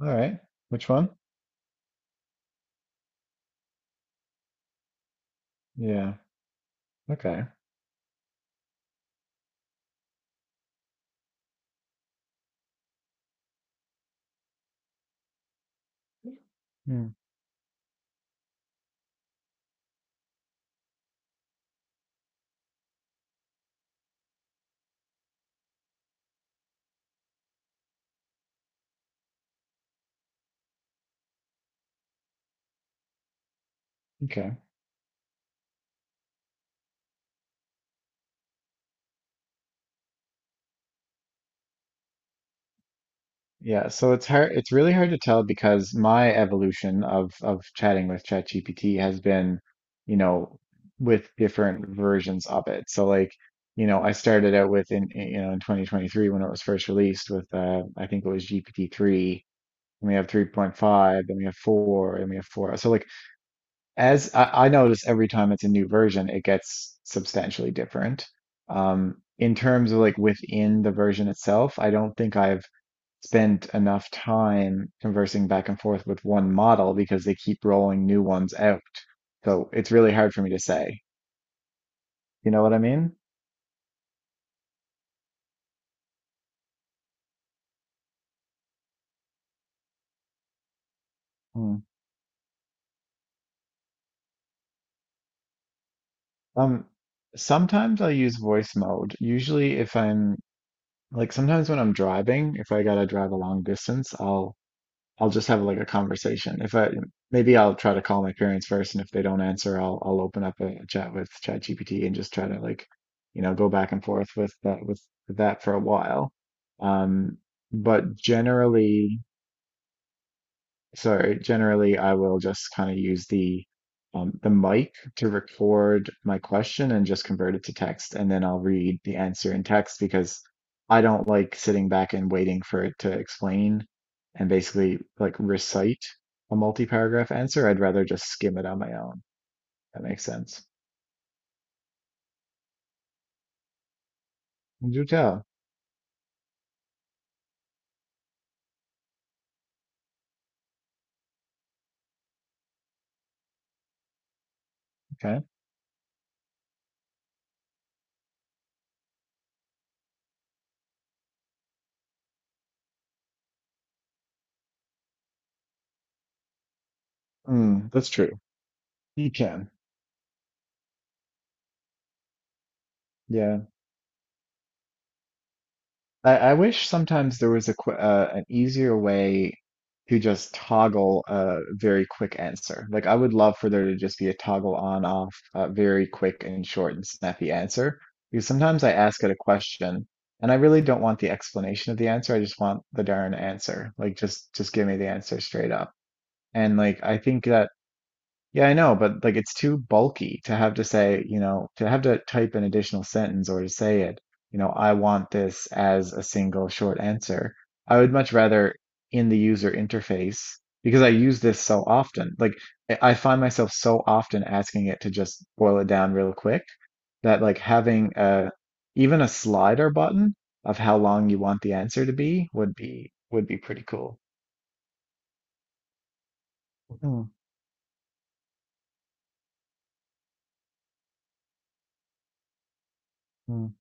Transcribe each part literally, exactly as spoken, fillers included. All right. Which one? Yeah. Okay. Hmm. Okay. Yeah, so it's hard. It's really hard to tell because my evolution of of chatting with ChatGPT has been, you know, with different versions of it. So like, you know, I started out with in in- you know in twenty twenty-three when it was first released with uh I think it was G P T three, and we have three point five, then we have four, and we have four. So like, As I, I notice every time it's a new version, it gets substantially different. Um, in terms of like within the version itself, I don't think I've spent enough time conversing back and forth with one model because they keep rolling new ones out. So it's really hard for me to say. You know what I mean? Mm. Um, Sometimes I'll use voice mode. Usually if I'm like sometimes when I'm driving, if I gotta drive a long distance, I'll I'll just have like a conversation. If I maybe I'll try to call my parents first, and if they don't answer, I'll I'll open up a chat with ChatGPT and just try to like, you know, go back and forth with that with that for a while. Um, but generally. So generally, I will just kind of use the um, the mic to record my question and just convert it to text, and then I'll read the answer in text because I don't like sitting back and waiting for it to explain and basically like recite a multi-paragraph answer. I'd rather just skim it on my own. That makes sense. Do tell. Okay. Mm, that's true. You can. Yeah. I, I wish sometimes there was a qu uh, an easier way to just toggle a very quick answer. Like I would love for there to just be a toggle on off, uh, very quick and short and snappy answer. Because sometimes I ask it a question and I really don't want the explanation of the answer. I just want the darn answer. Like just just give me the answer straight up. And like I think that yeah, I know, but like it's too bulky to have to say, you know, to have to type an additional sentence or to say it, you know, I want this as a single short answer. I would much rather in the user interface because I use this so often. Like I I find myself so often asking it to just boil it down real quick that like having a even a slider button of how long you want the answer to be would be would be pretty cool. Mm, mm.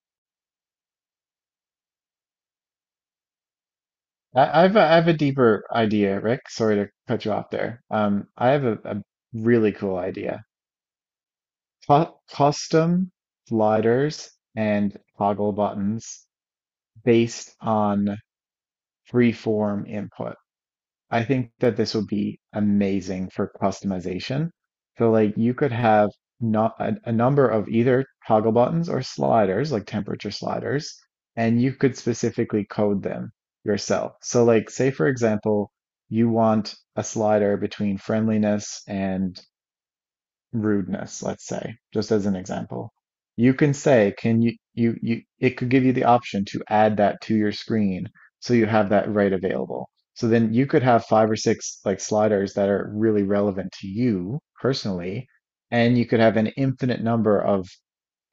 I, I've a, I have a deeper idea, Rick. Sorry to cut you off there. Um, I have a, a really cool idea. Co Custom sliders and toggle buttons based on freeform input. I think that this would be amazing for customization. So like you could have not a, a number of either toggle buttons or sliders, like temperature sliders, and you could specifically code them yourself. So like say for example, you want a slider between friendliness and rudeness, let's say, just as an example, you can say, can you, you, you, it could give you the option to add that to your screen so you have that right available. So then you could have five or six like sliders that are really relevant to you personally, and you could have an infinite number of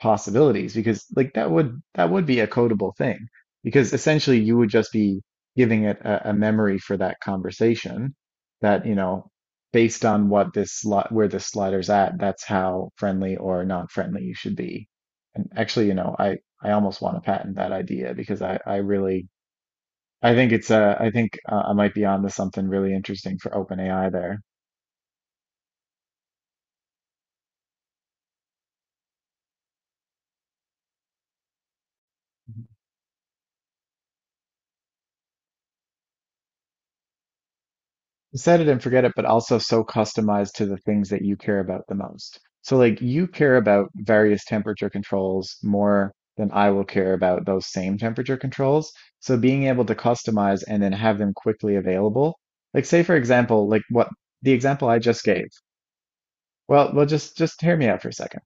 possibilities because like that would that would be a codable thing because essentially you would just be giving it a, a memory for that conversation that you know based on what this slot where this slider's at, that's how friendly or non-friendly you should be. And actually, you know, I I almost want to patent that idea because I I really, I think it's uh I think uh, I might be onto something really interesting for OpenAI there. Set it and forget it, but also so customized to the things that you care about the most. So like you care about various temperature controls more than I will care about those same temperature controls. So being able to customize and then have them quickly available. Like say for example, like what the example I just gave. Well, well just just hear me out for a second.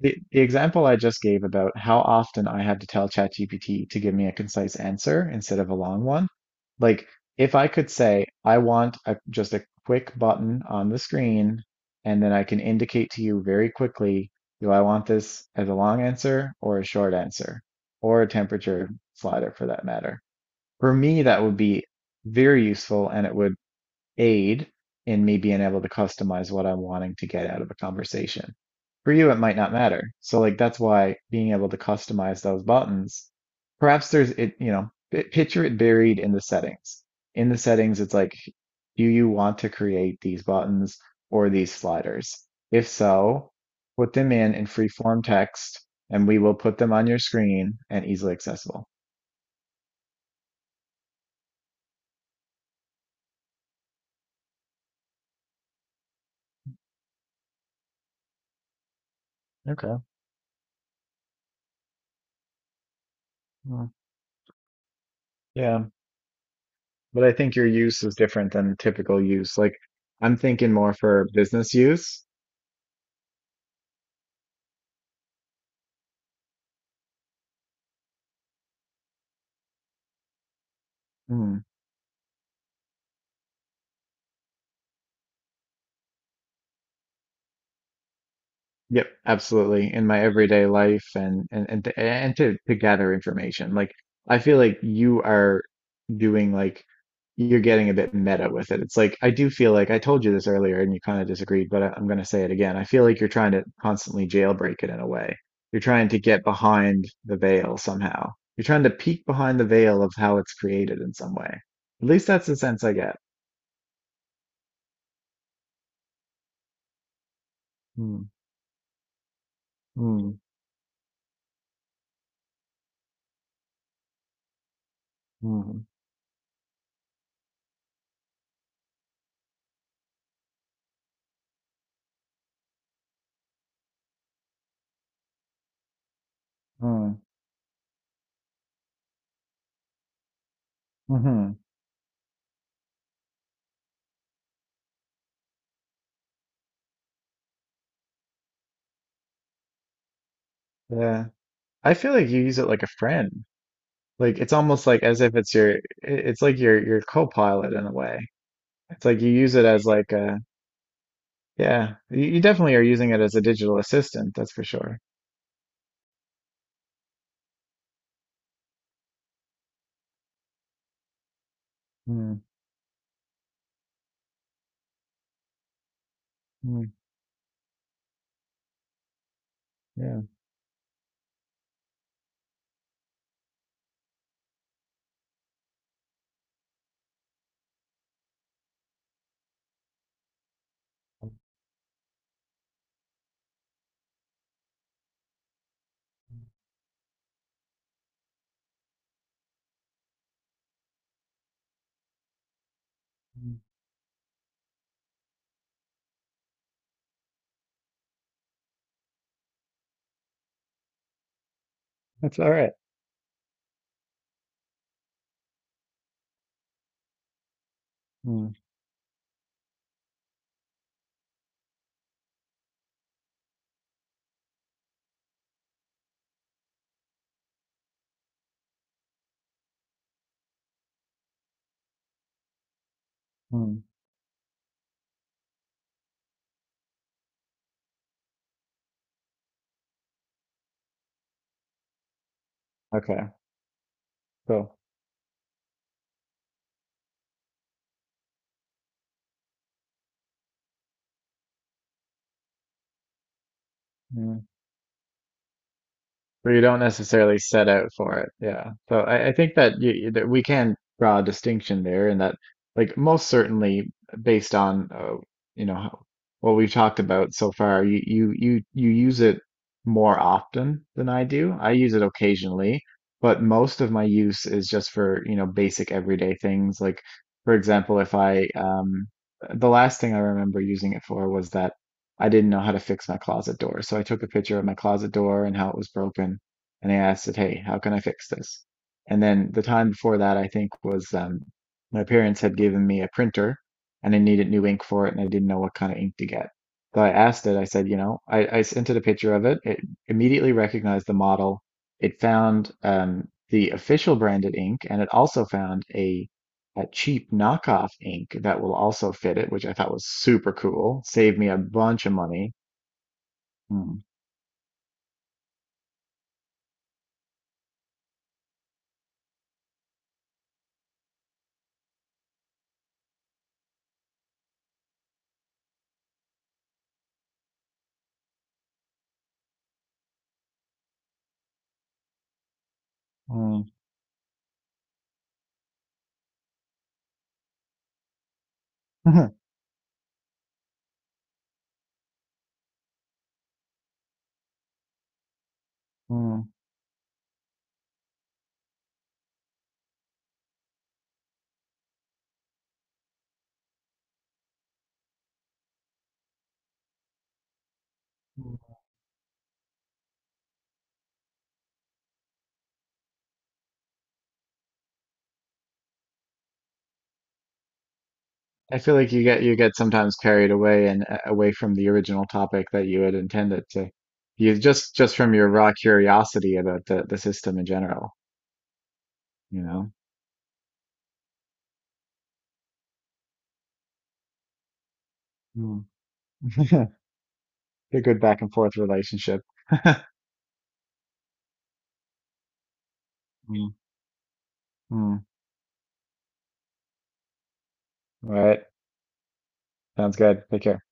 The, the example I just gave about how often I had to tell ChatGPT to give me a concise answer instead of a long one, like if I could say, I want a, just a quick button on the screen, and then I can indicate to you very quickly, do I want this as a long answer or a short answer, or a temperature slider for that matter? For me, that would be very useful and it would aid in me being able to customize what I'm wanting to get out of a conversation. For you, it might not matter. So like that's why being able to customize those buttons, perhaps there's it, you know, pi- picture it buried in the settings. In the settings, it's like, do you want to create these buttons or these sliders? If so, put them in in free form text and we will put them on your screen and easily accessible. Okay. Well, yeah. But I think your use is different than typical use. Like I'm thinking more for business use. Yep, absolutely. In my everyday life and and and to, and to to gather information. Like I feel like you are doing like you're getting a bit meta with it. It's like I do feel like I told you this earlier and you kind of disagreed, but I, I'm going to say it again. I feel like you're trying to constantly jailbreak it in a way. You're trying to get behind the veil somehow. You're trying to peek behind the veil of how it's created in some way. At least that's the sense I get. Mm, mm, mm, mm, hmm, hmm. Yeah. I feel like you use it like a friend. Like it's almost like as if it's your, i- it's like your your co-pilot in a way. It's like you use it as like a, yeah, you, you definitely are using it as a digital assistant, that's for sure. Mm, mm, yeah, mm. That's all right. Mm, mm. Okay, cool. Mm. But you don't necessarily set out for it. Yeah. So I, I think that you, that we can draw a distinction there, and that like most certainly based on uh, you know, how- what we've talked about so far, you you you you use it more often than I do. I use it occasionally, but most of my use is just for you know basic everyday things. Like for example, if I um the last thing I remember using it for was that. I didn't know how to fix my closet door. So I took a picture of my closet door and how it was broken. And I asked it, hey, how can I fix this? And then the time before that, I think was um, my parents had given me a printer and I needed new ink for it and I didn't know what kind of ink to get. So I asked it, I said, you know, I, I sent it a picture of it. It immediately recognized the model. It found um, the official branded ink and it also found a a cheap knockoff ink that will also fit it, which I thought was super cool. Saved me a bunch of money. Mm, mm, mm. I feel like you get you get sometimes carried away and uh, away from the original topic that you had intended to. You just just from your raw curiosity about the, the system in general, you know? Mm. A good back and forth relationship. Mm, mm. All right. Sounds good. Take care.